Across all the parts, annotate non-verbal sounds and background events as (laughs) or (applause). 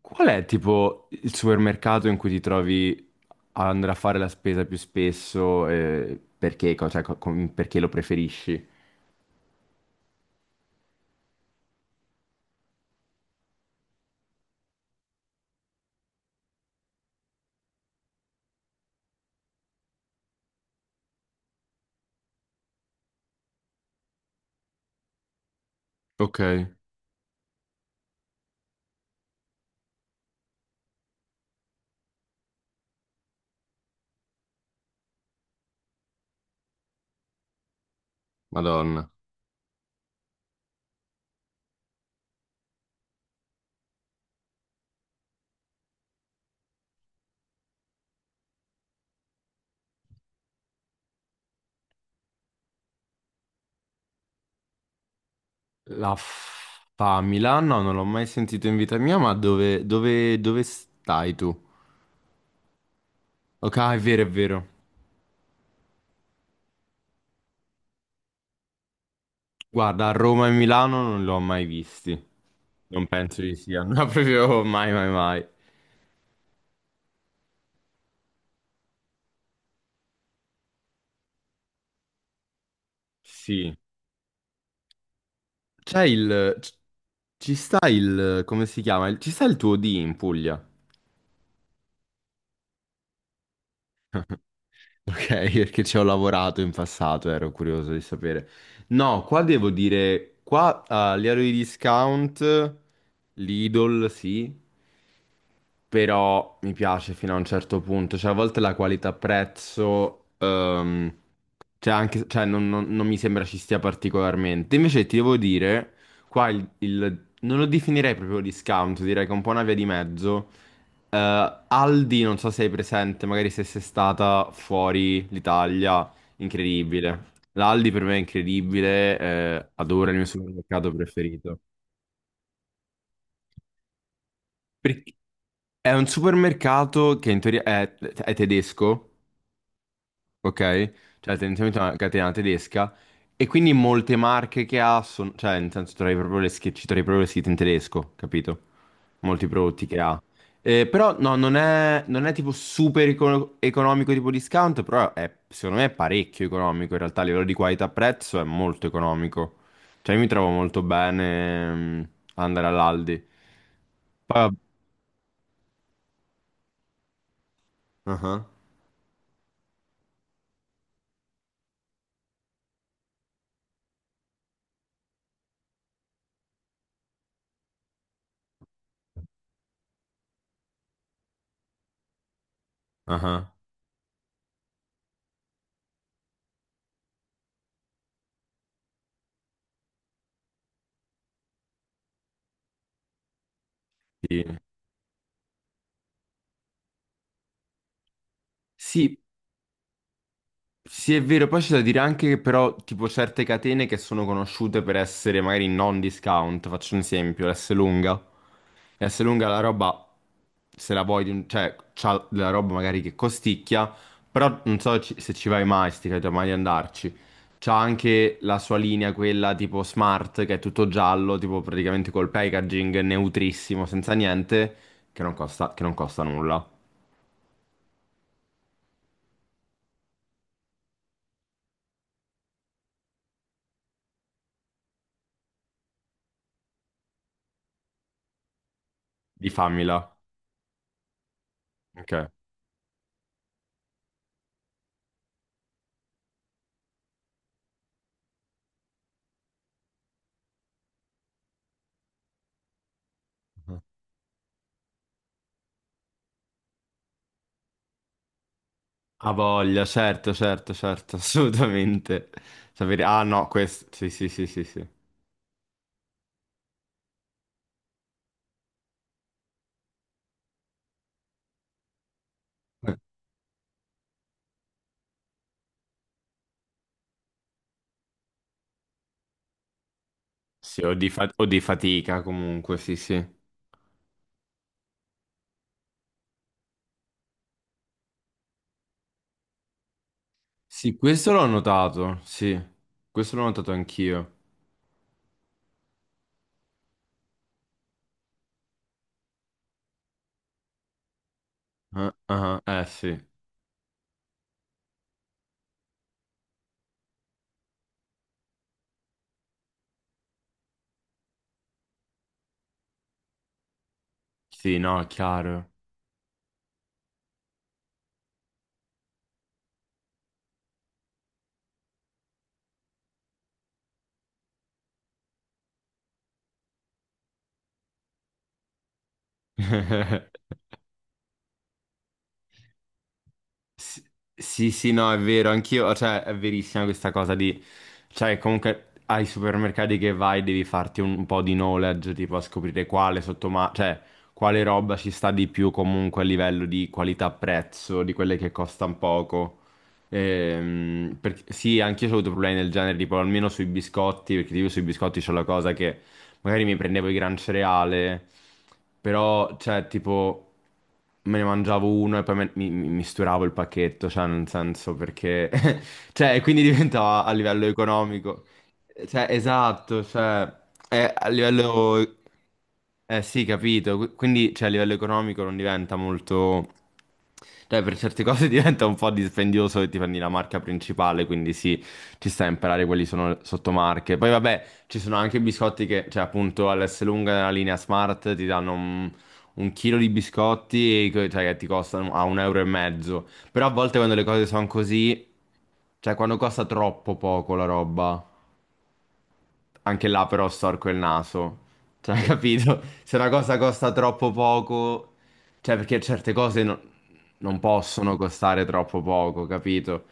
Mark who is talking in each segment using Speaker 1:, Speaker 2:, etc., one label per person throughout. Speaker 1: Qual è tipo il supermercato in cui ti trovi ad andare a fare la spesa più spesso e perché, perché lo preferisci? Ok, Madonna. La Famila? No, non l'ho mai sentito in vita mia, ma dove stai tu? Ok, ah, è vero. Guarda, a Roma e Milano non l'ho mai visti. Non penso di siano (laughs) no, proprio mai, mai, mai. Sì. C'è il... c- Ci sta il... come si chiama? Ci sta il tuo D in Puglia? (laughs) Ok, perché ci ho lavorato in passato, ero curioso di sapere. No, qua devo dire, qua a livello di discount, Lidl sì, però mi piace fino a un certo punto, cioè a volte la qualità prezzo cioè, anche, cioè, non mi sembra ci stia particolarmente. Invece ti devo dire, qua non lo definirei proprio discount, direi che è un po' una via di mezzo. Aldi, non so se hai presente, magari se sei stata fuori l'Italia, incredibile. L'Aldi per me è incredibile, adoro il mio supermercato preferito. Perché è un supermercato che in teoria è tedesco. Ok? Cioè tendenzialmente è una catena tedesca e quindi molte marche che ha sono, cioè nel senso trovi proprio le schi- ci trovi proprio le scritte in tedesco, capito? Molti prodotti che ha. Però no, non è tipo economico tipo discount, però è, secondo me è parecchio economico in realtà, a livello di qualità-prezzo è molto economico. Cioè io mi trovo molto bene ad andare all'Aldi. Poi... ah ah, ah ah, sì. Sì, sì, è vero, poi c'è da dire anche che però tipo certe catene che sono conosciute per essere magari non discount, faccio un esempio, l'Esselunga. L'Esselunga la roba, se la vuoi, cioè c'ha della roba magari che costicchia, però non so se ci vai mai, sti cavoli, mai di andarci. C'ha anche la sua linea, quella tipo smart, che è tutto giallo, tipo praticamente col packaging neutrissimo, senza niente, che non costa nulla. Di famila. Ok. Ha voglia, certo, certo, certo, (laughs) assolutamente. Sapere... Ah no, questo... Sì, sì, sì, sì, sì. Eh, sì, o di fatica comunque, sì, sì. Sì, questo l'ho notato, sì. Questo l'ho notato anch'io. Ah, ah, sì. Sì, no, è chiaro. (laughs) Sì, sì, sì, no, è vero, anch'io, cioè, è verissima questa cosa di, cioè, comunque ai supermercati che vai devi farti un po' di knowledge, tipo a scoprire cioè, quale roba ci sta di più comunque a livello di qualità-prezzo, di quelle che costano poco. Sì, anch'io ho avuto problemi del genere, tipo almeno sui biscotti, perché tipo sui biscotti c'è la cosa che magari mi prendevo il gran cereale, però, cioè, tipo, me ne mangiavo uno e poi mi misturavo il pacchetto, cioè, nel senso perché... (laughs) cioè, e quindi diventava a livello economico. Cioè, esatto, cioè, è a livello... Eh sì, capito. Quindi, cioè, a livello economico non diventa molto... Cioè, per certe cose (laughs) diventa un po' dispendioso che ti prendi la marca principale, quindi sì, ci sta a imparare quali sono le sottomarche. Poi vabbè, ci sono anche biscotti che, cioè appunto all'Esselunga nella linea Smart ti danno un chilo di biscotti e, cioè, che ti costano a un euro e mezzo. Però a volte quando le cose sono così, cioè quando costa troppo poco la roba, anche là però storco il naso. Cioè, (laughs) capito? Se una cosa costa troppo poco, cioè perché certe cose non possono costare troppo poco, capito?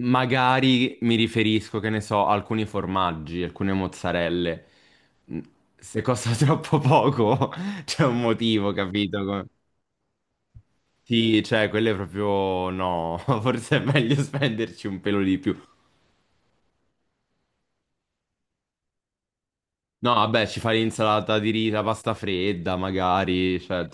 Speaker 1: Magari mi riferisco, che ne so, a alcuni formaggi, alcune mozzarelle. Mm, se costa (laughs) troppo poco, c'è un motivo, capito? Co- sì, cioè, quelle proprio no. (laughs) Forse è meglio spenderci un pelo di più. No, vabbè, ci fai l'insalata di riso, la pasta fredda, magari. Cioè...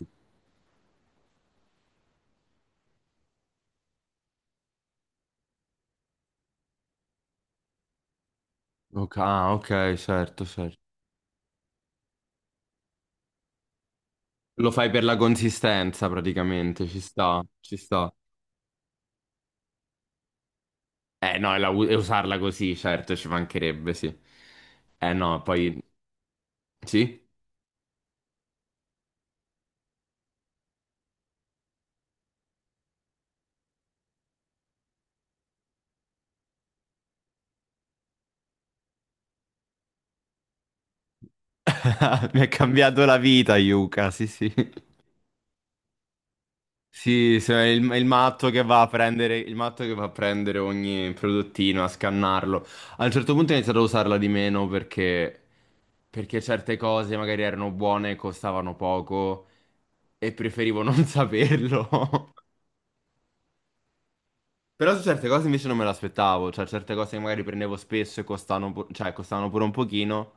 Speaker 1: Ok, ah, ok, certo, certo. Lo fai per la consistenza, praticamente, ci sta, ci sta. Eh no, e la e usarla così, certo, ci mancherebbe, sì. Eh no, poi sì? (laughs) Mi ha cambiato la vita, Yuka, sì, sì. Sì, è è il matto che va a prendere, il matto che va a prendere ogni prodottino, a scannarlo. A un certo punto ho iniziato a usarla di meno perché certe cose magari erano buone, costavano poco e preferivo non (laughs) saperlo. Però su certe cose invece non me l'aspettavo, cioè certe cose che magari prendevo spesso e costavano, cioè, costavano pure un pochino,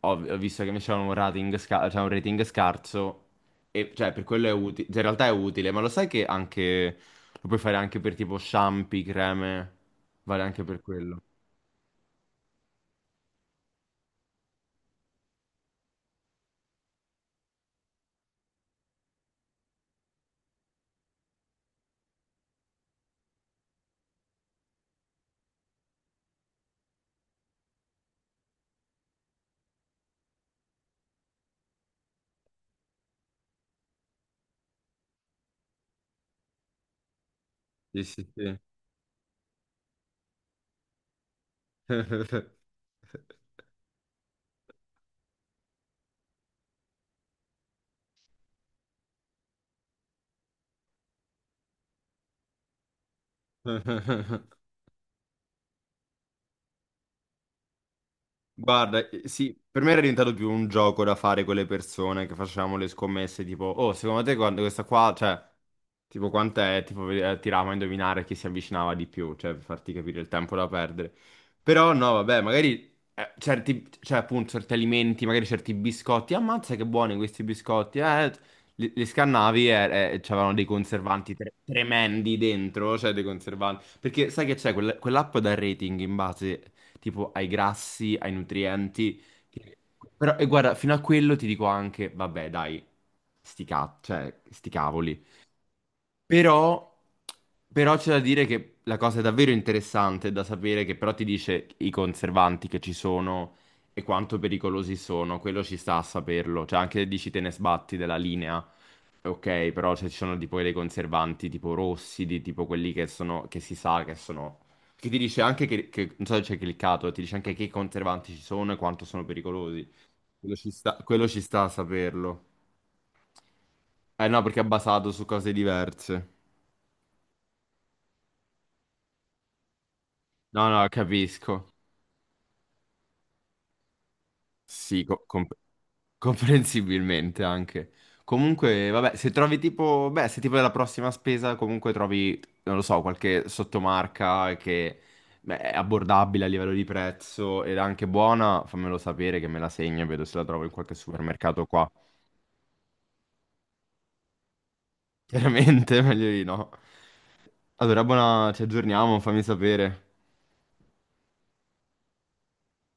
Speaker 1: ho visto che invece avevano un rating, cioè, un rating scarso, e cioè per quello è utile, in realtà è utile, ma lo sai che anche, lo puoi fare anche per tipo shampoo, creme, vale anche per quello. Sì, sì, sì. (laughs) Guarda, sì, per me era diventato più un gioco da fare con le persone che facevamo le scommesse, tipo, oh, secondo te quando questa qua, cioè, tipo quant'è, tipo tiravamo a indovinare chi si avvicinava di più, cioè, per farti capire il tempo da perdere. Però no, vabbè, magari certi, cioè, appunto, certi alimenti, magari certi biscotti, ammazza che buoni questi biscotti, li scannavi e c'avevano dei conservanti tremendi dentro, cioè dei conservanti. Perché sai che c'è quell'app da rating in base tipo ai grassi, ai nutrienti. Però, e guarda, fino a quello ti dico anche, vabbè, dai, sti, cioè, sti cavoli. Però, però c'è da dire che la cosa è davvero interessante da sapere che però ti dice i conservanti che ci sono e quanto pericolosi sono, quello ci sta a saperlo. Cioè anche se dici te ne sbatti della linea, ok, però cioè, ci sono tipo dei conservanti tipo rossi, di tipo quelli che sono, che si sa che sono... Che ti dice anche non so se c'è cliccato, ti dice anche che conservanti ci sono e quanto sono pericolosi. Quello ci sta a saperlo. Eh no, perché è basato su cose diverse. No, no, capisco. Sì, (laughs) comprensibilmente anche. Comunque, vabbè, se trovi tipo, beh, se tipo della prossima spesa, comunque trovi, non lo so, qualche sottomarca che beh, è abbordabile a livello di prezzo ed è anche buona, fammelo sapere che me la segno e vedo se la trovo in qualche supermercato qua. Chiaramente, (laughs) meglio di no. Allora, buona, ci aggiorniamo, fammi sapere.